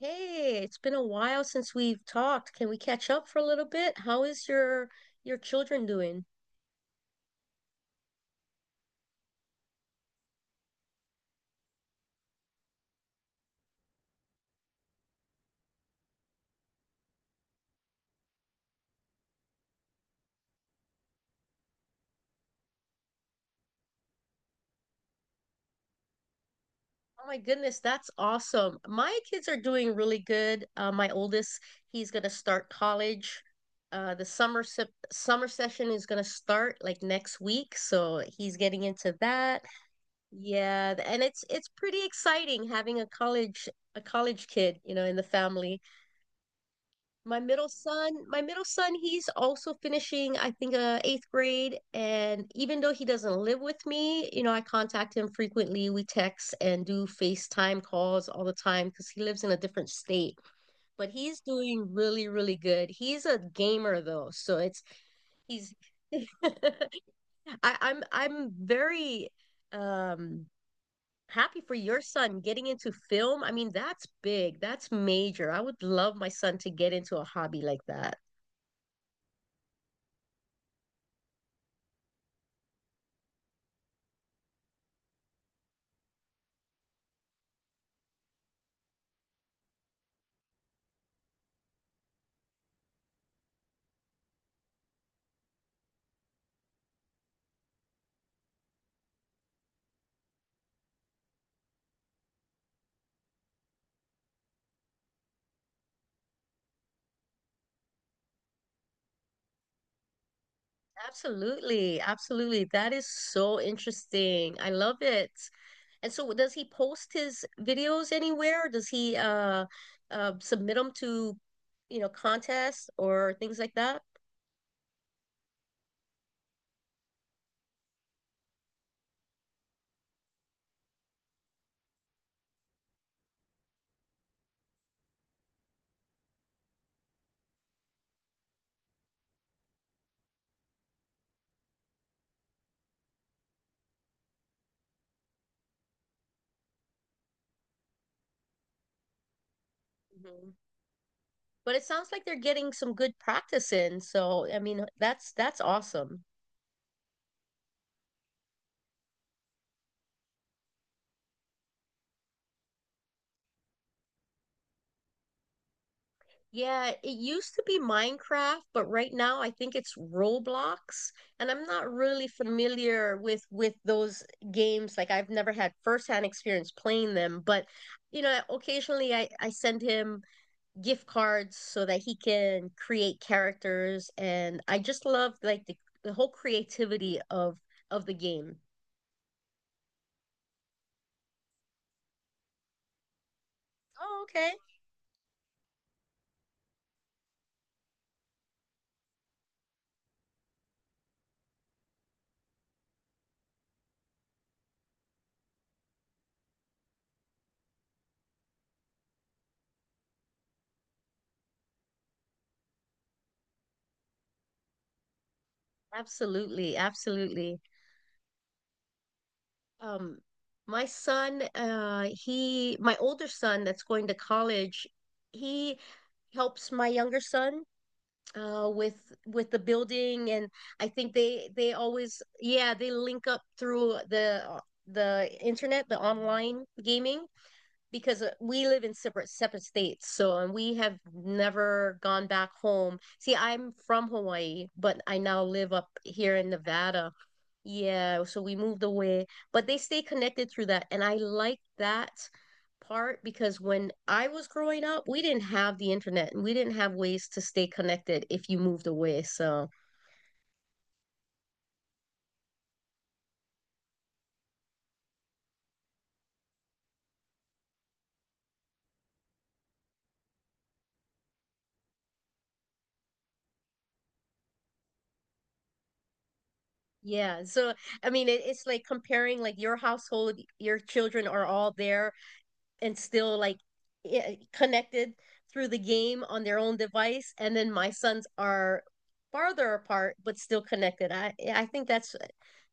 Hey, it's been a while since we've talked. Can we catch up for a little bit? How is your children doing? Oh my goodness, that's awesome. My kids are doing really good. My oldest, he's gonna start college. The summer session is gonna start like next week, so he's getting into that. Yeah, and it's pretty exciting having a college kid, you know, in the family. My middle son he's also finishing I think eighth grade, and even though he doesn't live with me, you know, I contact him frequently. We text and do FaceTime calls all the time because he lives in a different state, but he's doing really really good. He's a gamer though, so it's he's I, I'm very um happy for your son getting into film. I mean, that's big, that's major. I would love my son to get into a hobby like that. Absolutely, absolutely. That is so interesting. I love it. And so, does he post his videos anywhere? Or does he submit them to, you know, contests or things like that? Mhm. But it sounds like they're getting some good practice in. So, I mean, that's awesome. Yeah, it used to be Minecraft, but right now I think it's Roblox, and I'm not really familiar with those games. Like, I've never had firsthand experience playing them, but you know, occasionally I send him gift cards so that he can create characters, and I just love like the whole creativity of the game. Oh, okay. Absolutely, absolutely. Um, my son, my older son that's going to college, he helps my younger son with the building, and I think they always, yeah, they link up through the internet, the online gaming, because we live in separate states, so, and we have never gone back home. See, I'm from Hawaii, but I now live up here in Nevada. Yeah, so we moved away, but they stay connected through that. And I like that part because when I was growing up, we didn't have the internet and we didn't have ways to stay connected if you moved away. So, yeah. So, I mean, it's like, comparing like your household, your children are all there, and still like connected through the game on their own device, and then my sons are farther apart but still connected. I think that's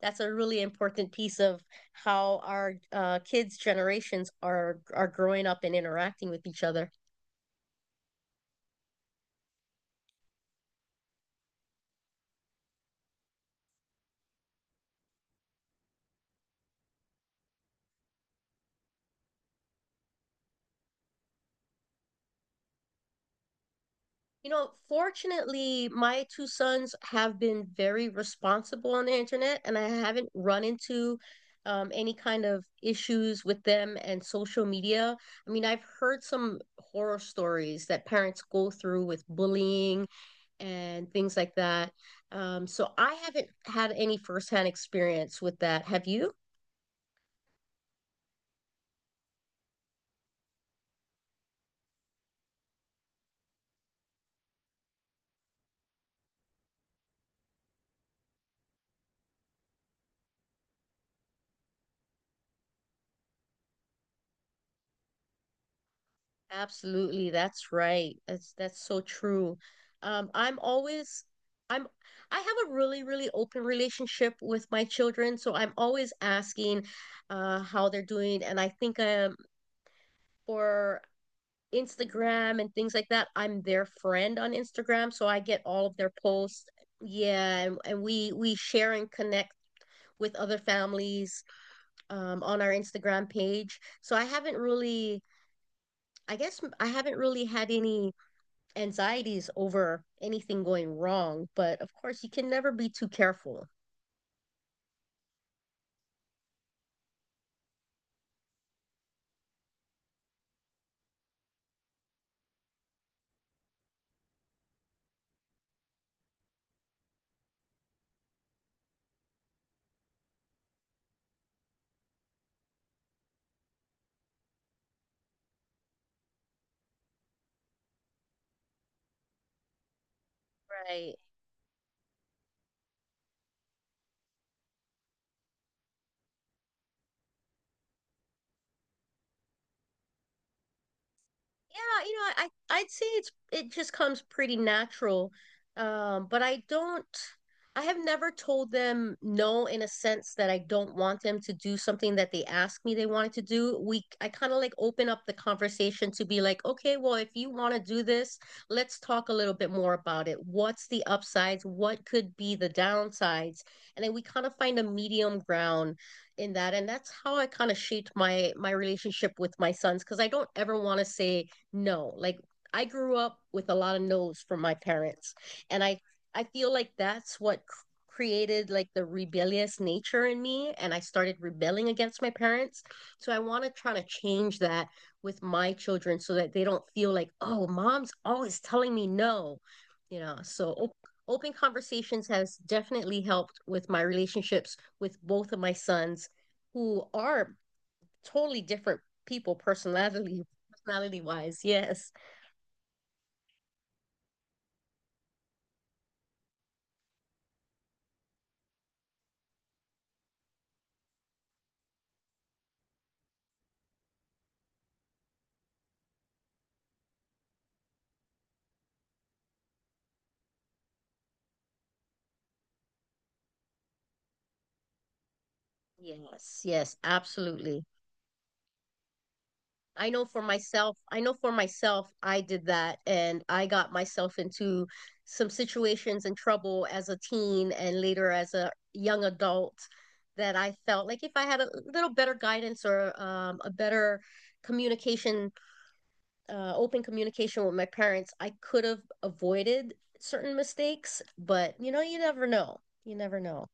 a really important piece of how our kids' generations are growing up and interacting with each other. You know, fortunately, my two sons have been very responsible on the internet, and I haven't run into any kind of issues with them and social media. I mean, I've heard some horror stories that parents go through with bullying and things like that. So I haven't had any firsthand experience with that. Have you? Absolutely, that's right. That's so true. I'm always I'm I have a really, really open relationship with my children, so I'm always asking how they're doing. And I think for Instagram and things like that, I'm their friend on Instagram, so I get all of their posts. Yeah, and we share and connect with other families on our Instagram page. So I haven't really, I guess I haven't really had any anxieties over anything going wrong, but of course, you can never be too careful. Right. Yeah, you know, I'd say it's it just comes pretty natural. But I don't I have never told them no in a sense that I don't want them to do something that they ask me they wanted to do. We I kind of like open up the conversation to be like, okay, well, if you want to do this, let's talk a little bit more about it. What's the upsides? What could be the downsides? And then we kind of find a medium ground in that. And that's how I kind of shaped my relationship with my sons, because I don't ever want to say no. Like, I grew up with a lot of no's from my parents, and I feel like that's what created like the rebellious nature in me, and I started rebelling against my parents. So I want to try to change that with my children, so that they don't feel like, oh, mom's always telling me no, you know. So open conversations has definitely helped with my relationships with both of my sons, who are totally different people, personality wise. Yes. Yes, yes, absolutely. I know for myself, I did that, and I got myself into some situations and trouble as a teen and later as a young adult, that I felt like if I had a little better guidance, or a better communication, open communication with my parents, I could have avoided certain mistakes. But you know, you never know. You never know.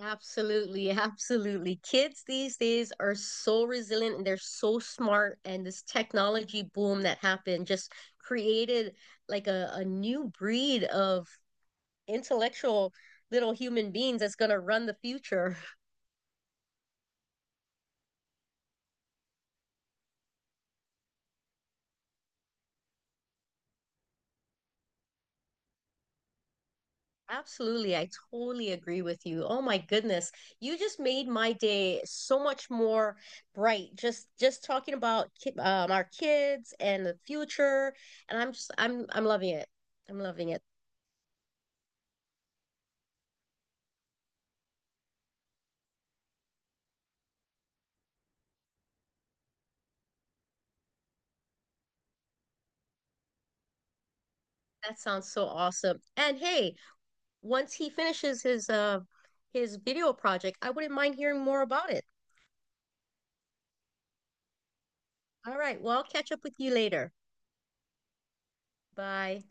Absolutely, absolutely. Kids these days are so resilient and they're so smart. And this technology boom that happened just created like a new breed of intellectual little human beings that's going to run the future. Absolutely. I totally agree with you. Oh my goodness. You just made my day so much more bright. Just talking about our kids and the future. And I'm loving it. I'm loving it. That sounds so awesome. And hey, once he finishes his video project, I wouldn't mind hearing more about it. All right, well, I'll catch up with you later. Bye.